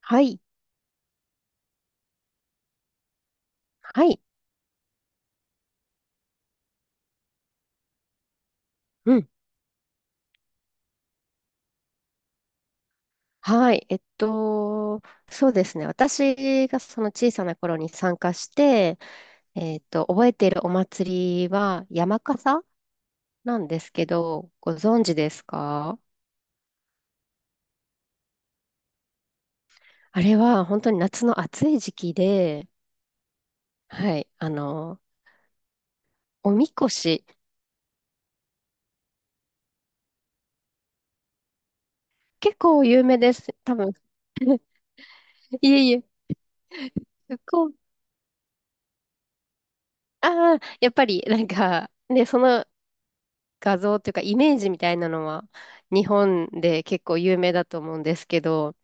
はい。はい。うん。はい。そうですね。私がその小さな頃に参加して、覚えているお祭りは山笠なんですけど、ご存知ですか？あれは本当に夏の暑い時期で、はい。おみこし、結構有名です。多分。いえいえ。こう、ああ、やっぱり、画像っていうかイメージみたいなのは日本で結構有名だと思うんですけど、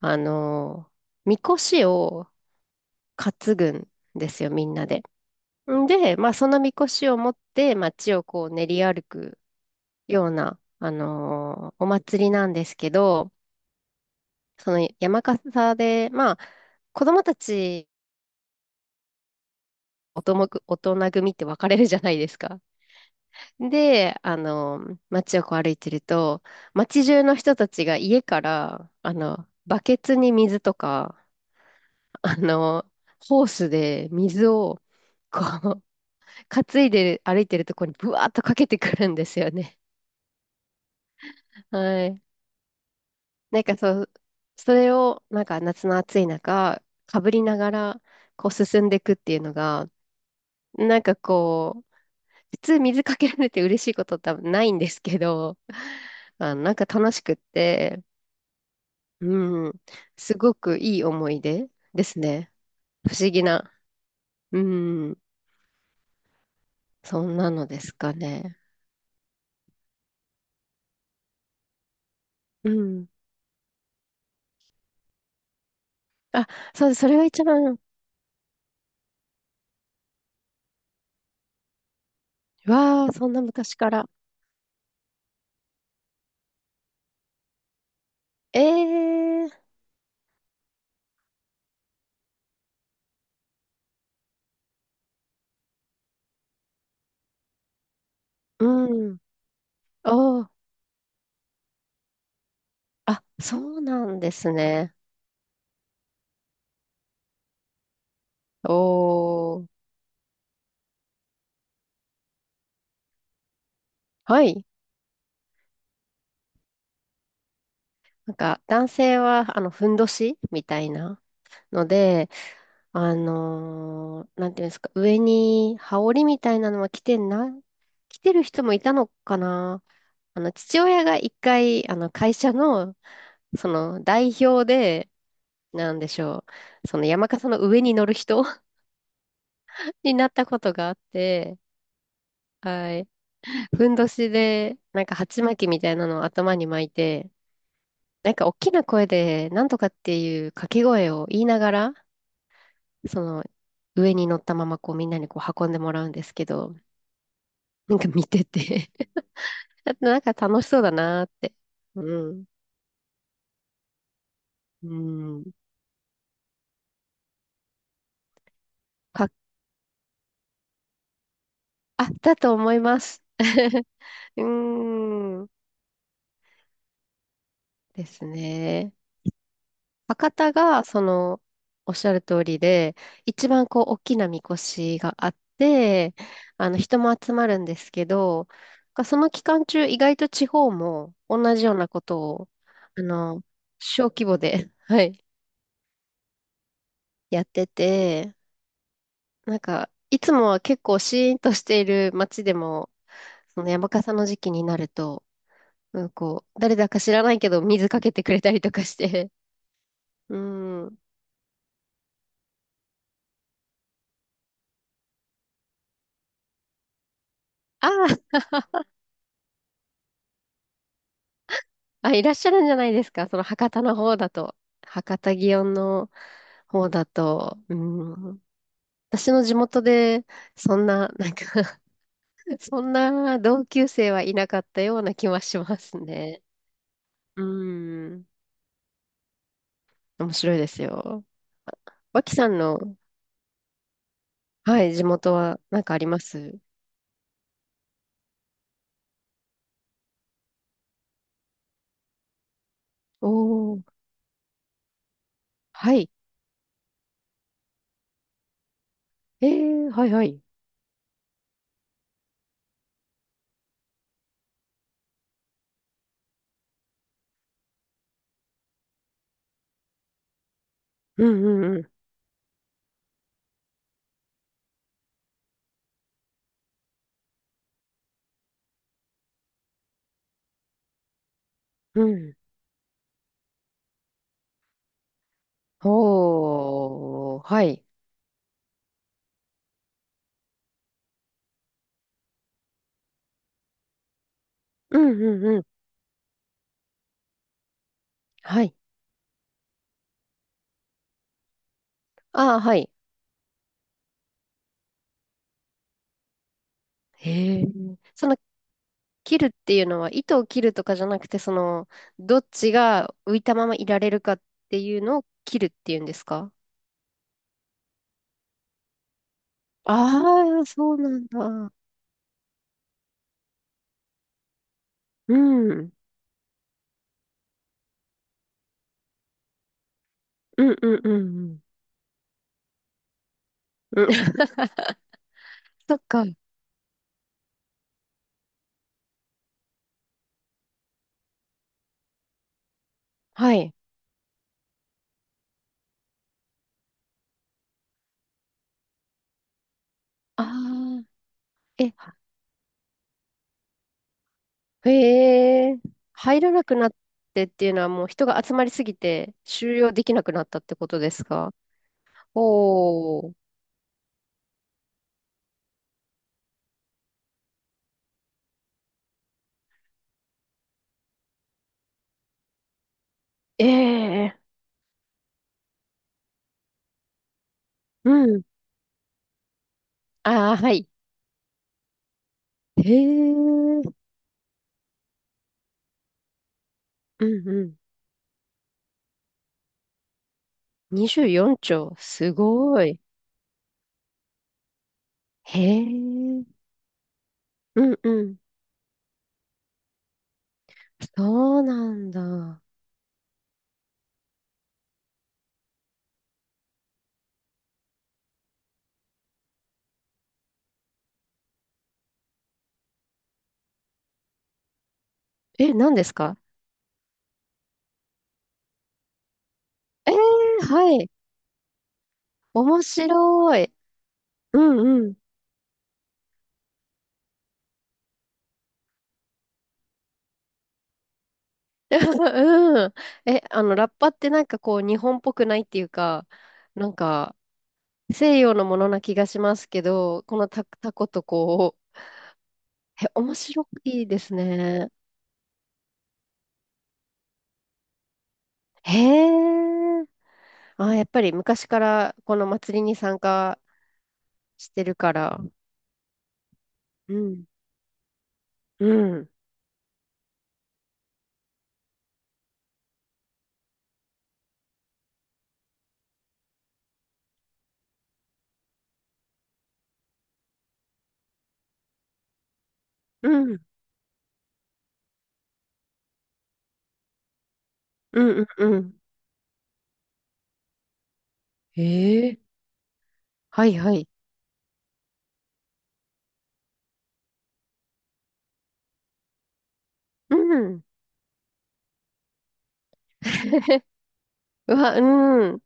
あの、みこしを担ぐんですよ、みんなで。んで、まあ、そのみこしを持って街をこう練り歩くような、お祭りなんですけど、その山笠で、まあ、子供たち、大人組って分かれるじゃないですか。で、街をこう歩いてると、街中の人たちが家から、バケツに水とか、あの、ホースで水を、こう、担いで歩いてるとこにブワーっとかけてくるんですよね。はい。なんかそう、それを、なんか夏の暑い中、かぶりながら、こう進んでいくっていうのが、なんかこう、普通水かけられて嬉しいことって多分ないんですけど、なんか楽しくって、うん。すごくいい思い出ですね。不思議な。うん。そんなのですかね。うん。あ、そうです。それが一番。わあ、そんな昔から。ええ、うん。おー。あ、そうなんですね。おー。はい。なんか、男性は、ふんどしみたいなので、なんていうんですか、上に羽織みたいなのは着てんな、着てる人もいたのかな。父親が一回、会社の、その、代表で、なんでしょう、その山笠の上に乗る人 になったことがあって、はい。ふんどしで、なんか鉢巻きみたいなのを頭に巻いて、なんか大きな声で、なんとかっていう掛け声を言いながら、その、上に乗ったまま、こう、みんなにこう、運んでもらうんですけど、なんか見てて あとなんか楽しそうだなーって。うん。うん。か、あ、だと思います。うーん。ですね。博多が、その、おっしゃる通りで、一番こう、大きなみこしがあって、人も集まるんですけど、がその期間中、意外と地方も同じようなことを、あの、小規模で、はい、やってて、なんか、いつもは結構シーンとしている街でも、その山笠の時期になると、うん、こう、誰だか知らないけど水かけてくれたりとかして、うん。あー、あ、いらっしゃるんじゃないですか、その博多の方だと。博多祇園の方だと、うん。私の地元で、そんな、なんか そんな同級生はいなかったような気はしますね。うん。面白いですよ。脇さんのはい、地元はなんかあります？おー、はい。えー、はいはい。うんうんうん。うん。おー、はい。うんうんうん。はい。ああ、はい。へえ。その、切るっていうのは、糸を切るとかじゃなくて、その、どっちが浮いたままいられるかっていうのを切るっていうんですか？ああー、そうなんだ。うん。うんうんうんうん。うん。 そっか。はい。ああ。え、へえ、入らなくなってっていうのはもう人が集まりすぎて収容できなくなったってことですか？おー、ええ、うん、ああ、はい。へえ、うんうん。24兆、すごい。へえ、うんうん。そうなんだ。え、何ですか？ええ、はい。面白い。うんうん。うん。え、ラッパってなんかこう、日本っぽくないっていうか、なんか、西洋のものな気がしますけど、このタ、タコとこう、え、面白いですね。へえ。あ、やっぱり昔からこの祭りに参加してるから。うん。うん。うん。うん。うん。へえ。はいはい。うん。うわ、うん。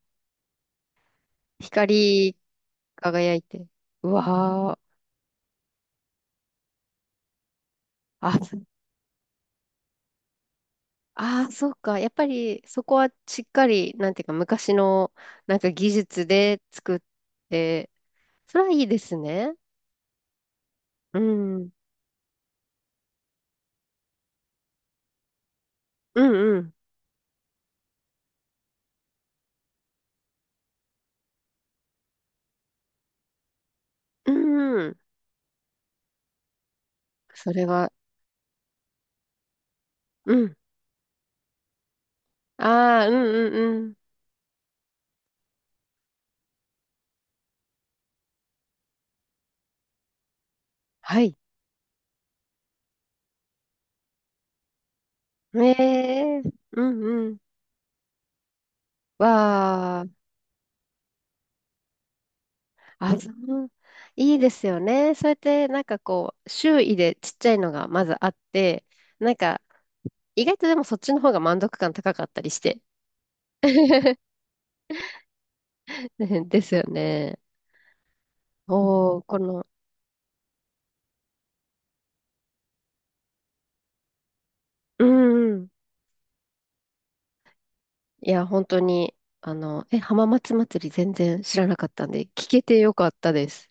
光り輝いて。うわー。あ、あー、そうか。やっぱりそこはしっかり、なんていうか、昔のなんか技術で作って、それはいいですね。うん。うんうん。うんうん。それは、うん。ああ、うんうんうん。はい。ええ、うんうん。わあ、あ、そう、いいですよね。そうやって、なんかこう、周囲でちっちゃいのがまずあって、なんか、意外とでもそっちの方が満足感高かったりして。ですよね。おー、この、うんうん。いや、本当に、え、浜松祭り全然知らなかったんで、聞けてよかったです。